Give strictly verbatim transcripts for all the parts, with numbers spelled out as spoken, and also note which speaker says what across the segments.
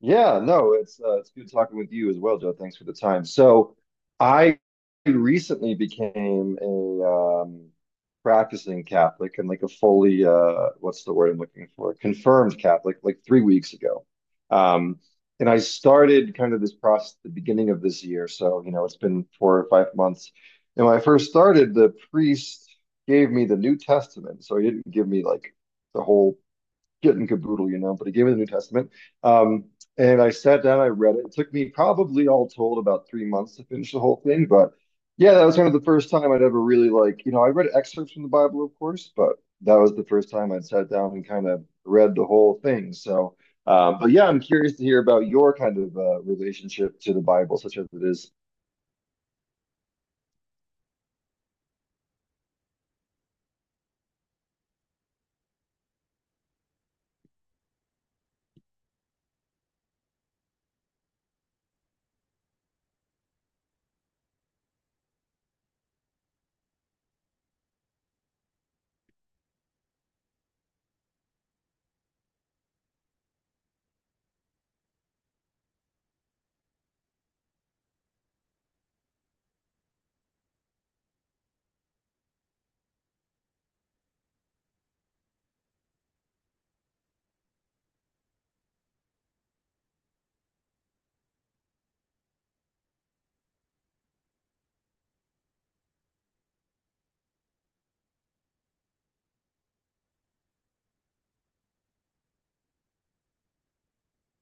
Speaker 1: Yeah, no, it's uh, it's good talking with you as well, Joe. Thanks for the time. So, I recently became a um, practicing Catholic and like a fully uh, what's the word I'm looking for? Confirmed Catholic, like three weeks ago. Um, and I started kind of this process at the beginning of this year, so you know it's been four or five months. And when I first started, the priest gave me the New Testament, so he didn't give me like the whole getting caboodle, you know, but he gave me the New Testament. Um, and I sat down, I read it. It took me probably all told about three months to finish the whole thing. But yeah, that was kind of the first time I'd ever really like, you know, I read excerpts from the Bible, of course, but that was the first time I'd sat down and kind of read the whole thing. So, um, but yeah, I'm curious to hear about your kind of uh, relationship to the Bible, such as it is.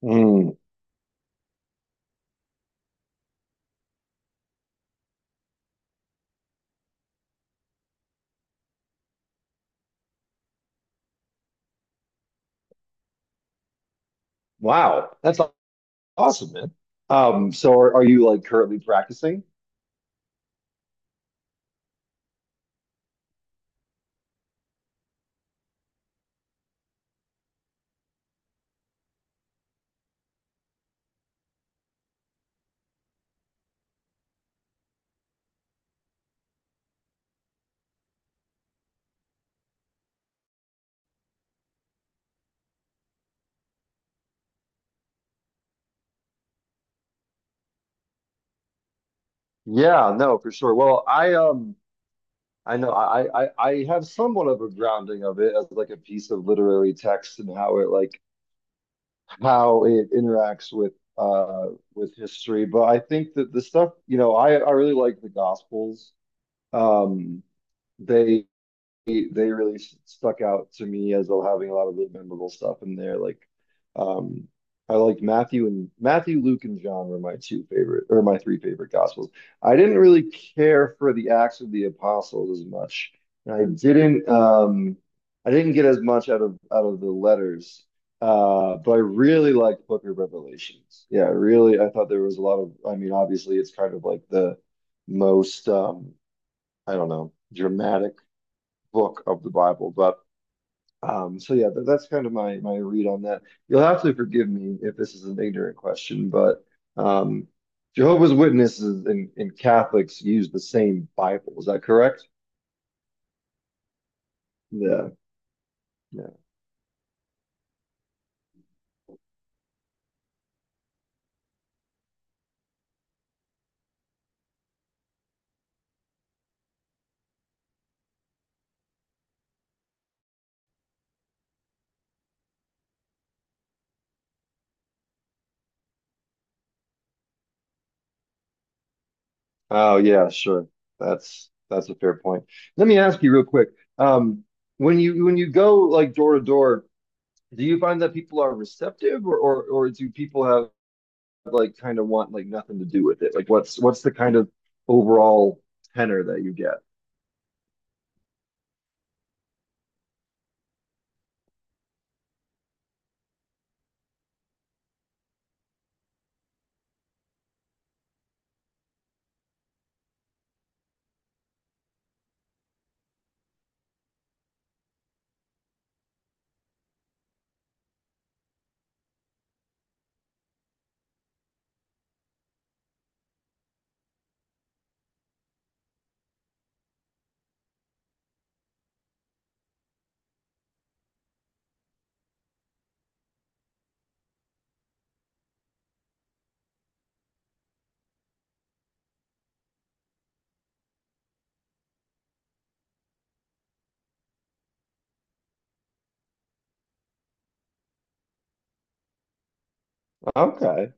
Speaker 1: Mm, wow, that's awesome, man. Um, so are, are you like currently practicing? Yeah, no, for sure. Well, I um I know I, I I have somewhat of a grounding of it as like a piece of literary text and how it like how it interacts with uh with history. But I think that the stuff, you know, I I really like the Gospels. Um they they really stuck out to me as well, having a lot of really memorable stuff in there. Like, um, I liked Matthew. And Matthew, Luke, and John were my two favorite, or my three favorite gospels. I didn't really care for the Acts of the Apostles as much. And I didn't um I didn't get as much out of out of the letters. Uh, but I really liked Book of Revelations. Yeah, really, I thought there was a lot of, I mean, obviously it's kind of like the most um, I don't know, dramatic book of the Bible. But um, so yeah, that, that's kind of my my read on that. You'll have to forgive me if this is an ignorant question, but um, Jehovah's Witnesses and, and Catholics use the same Bible. Is that correct? Yeah, yeah. Oh yeah, sure. That's that's a fair point. Let me ask you real quick. Um, when you when you go like door to door, do you find that people are receptive or or, or do people have like kind of want like nothing to do with it? Like what's what's the kind of overall tenor that you get? Okay.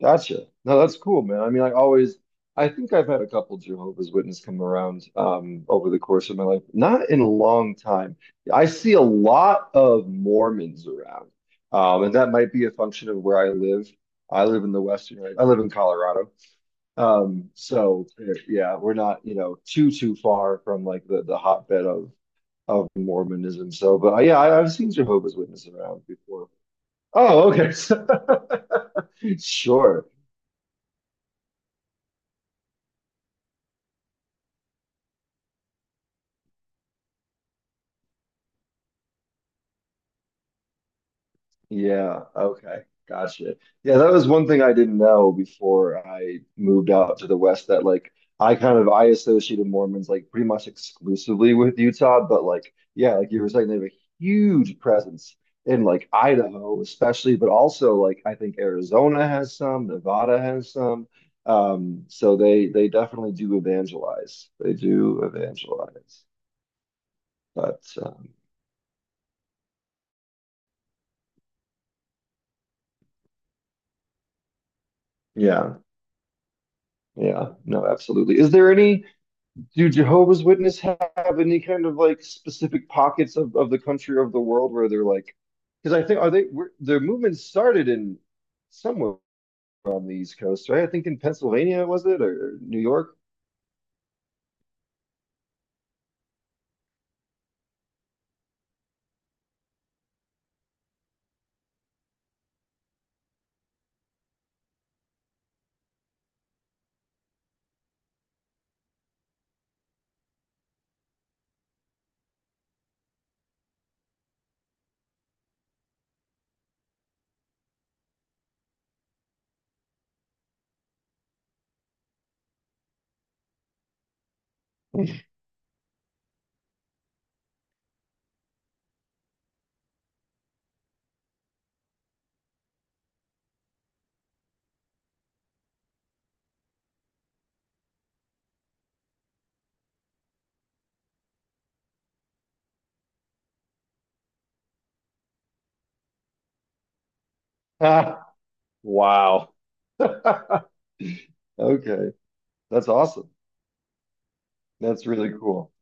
Speaker 1: Gotcha. No, that's cool, man. I mean, I always, I think I've had a couple Jehovah's Witness come around um over the course of my life. Not in a long time. I see a lot of Mormons around. Um, and that might be a function of where I live. I live in the Western, I live in Colorado. Um, so yeah, we're not, you know, too too far from like the the hotbed of of Mormonism. So, but uh, yeah, I, I've seen Jehovah's Witness around before. Oh, okay. Sure. Yeah, okay. Gotcha. Yeah, that was one thing I didn't know before I moved out to the West, that like I kind of I associated Mormons like pretty much exclusively with Utah, but like yeah, like you were saying, they have a huge presence in like Idaho especially, but also like I think Arizona has some, Nevada has some. Um, so they they definitely do evangelize. They do evangelize. But um, yeah, yeah, no, absolutely. Is there any, do Jehovah's Witness have any kind of like specific pockets of, of the country or of the world where they're like, because I think are they were, their movement started in somewhere on the East Coast, right? I think in Pennsylvania, was it, or New York? Ah, wow. Okay, that's awesome. That's really cool.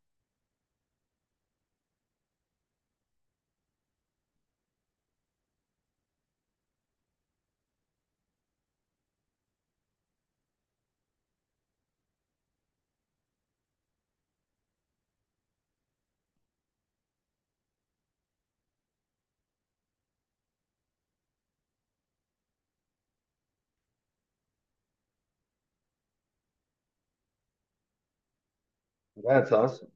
Speaker 1: That's awesome.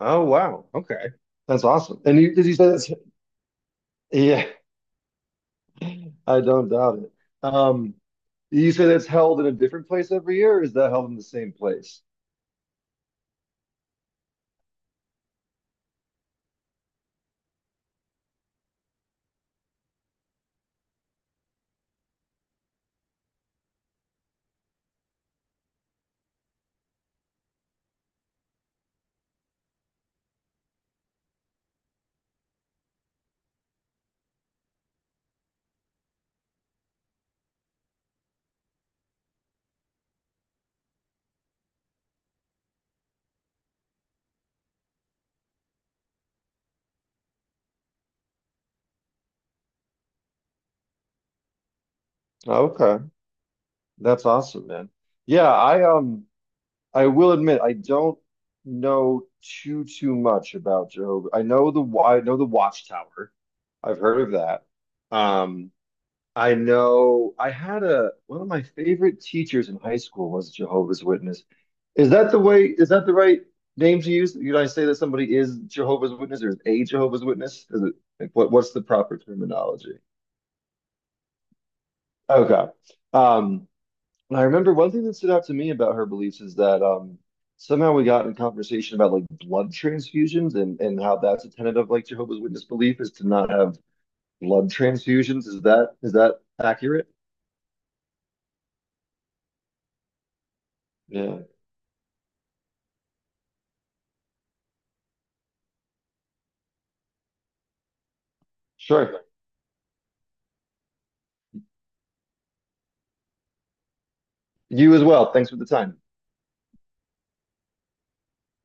Speaker 1: Oh wow. Okay, that's awesome. And you, did you say that's? Yeah, I don't doubt it. Um, you say that's held in a different place every year, or is that held in the same place? Okay, that's awesome, man. Yeah, I um I will admit I don't know too too much about Jehovah. I know the wa- I know the Watchtower. I've heard of that. Um I know I had a one of my favorite teachers in high school was a Jehovah's Witness. Is that the way is that the right name to use? Did I say that somebody is Jehovah's Witness, or is a Jehovah's Witness? Is it like what what's the proper terminology? Okay. Um And I remember one thing that stood out to me about her beliefs is that um, somehow we got in conversation about like blood transfusions and, and how that's a tenet of like Jehovah's Witness belief, is to not have blood transfusions. Is that is that accurate? Yeah, sure. You as well. Thanks for the time.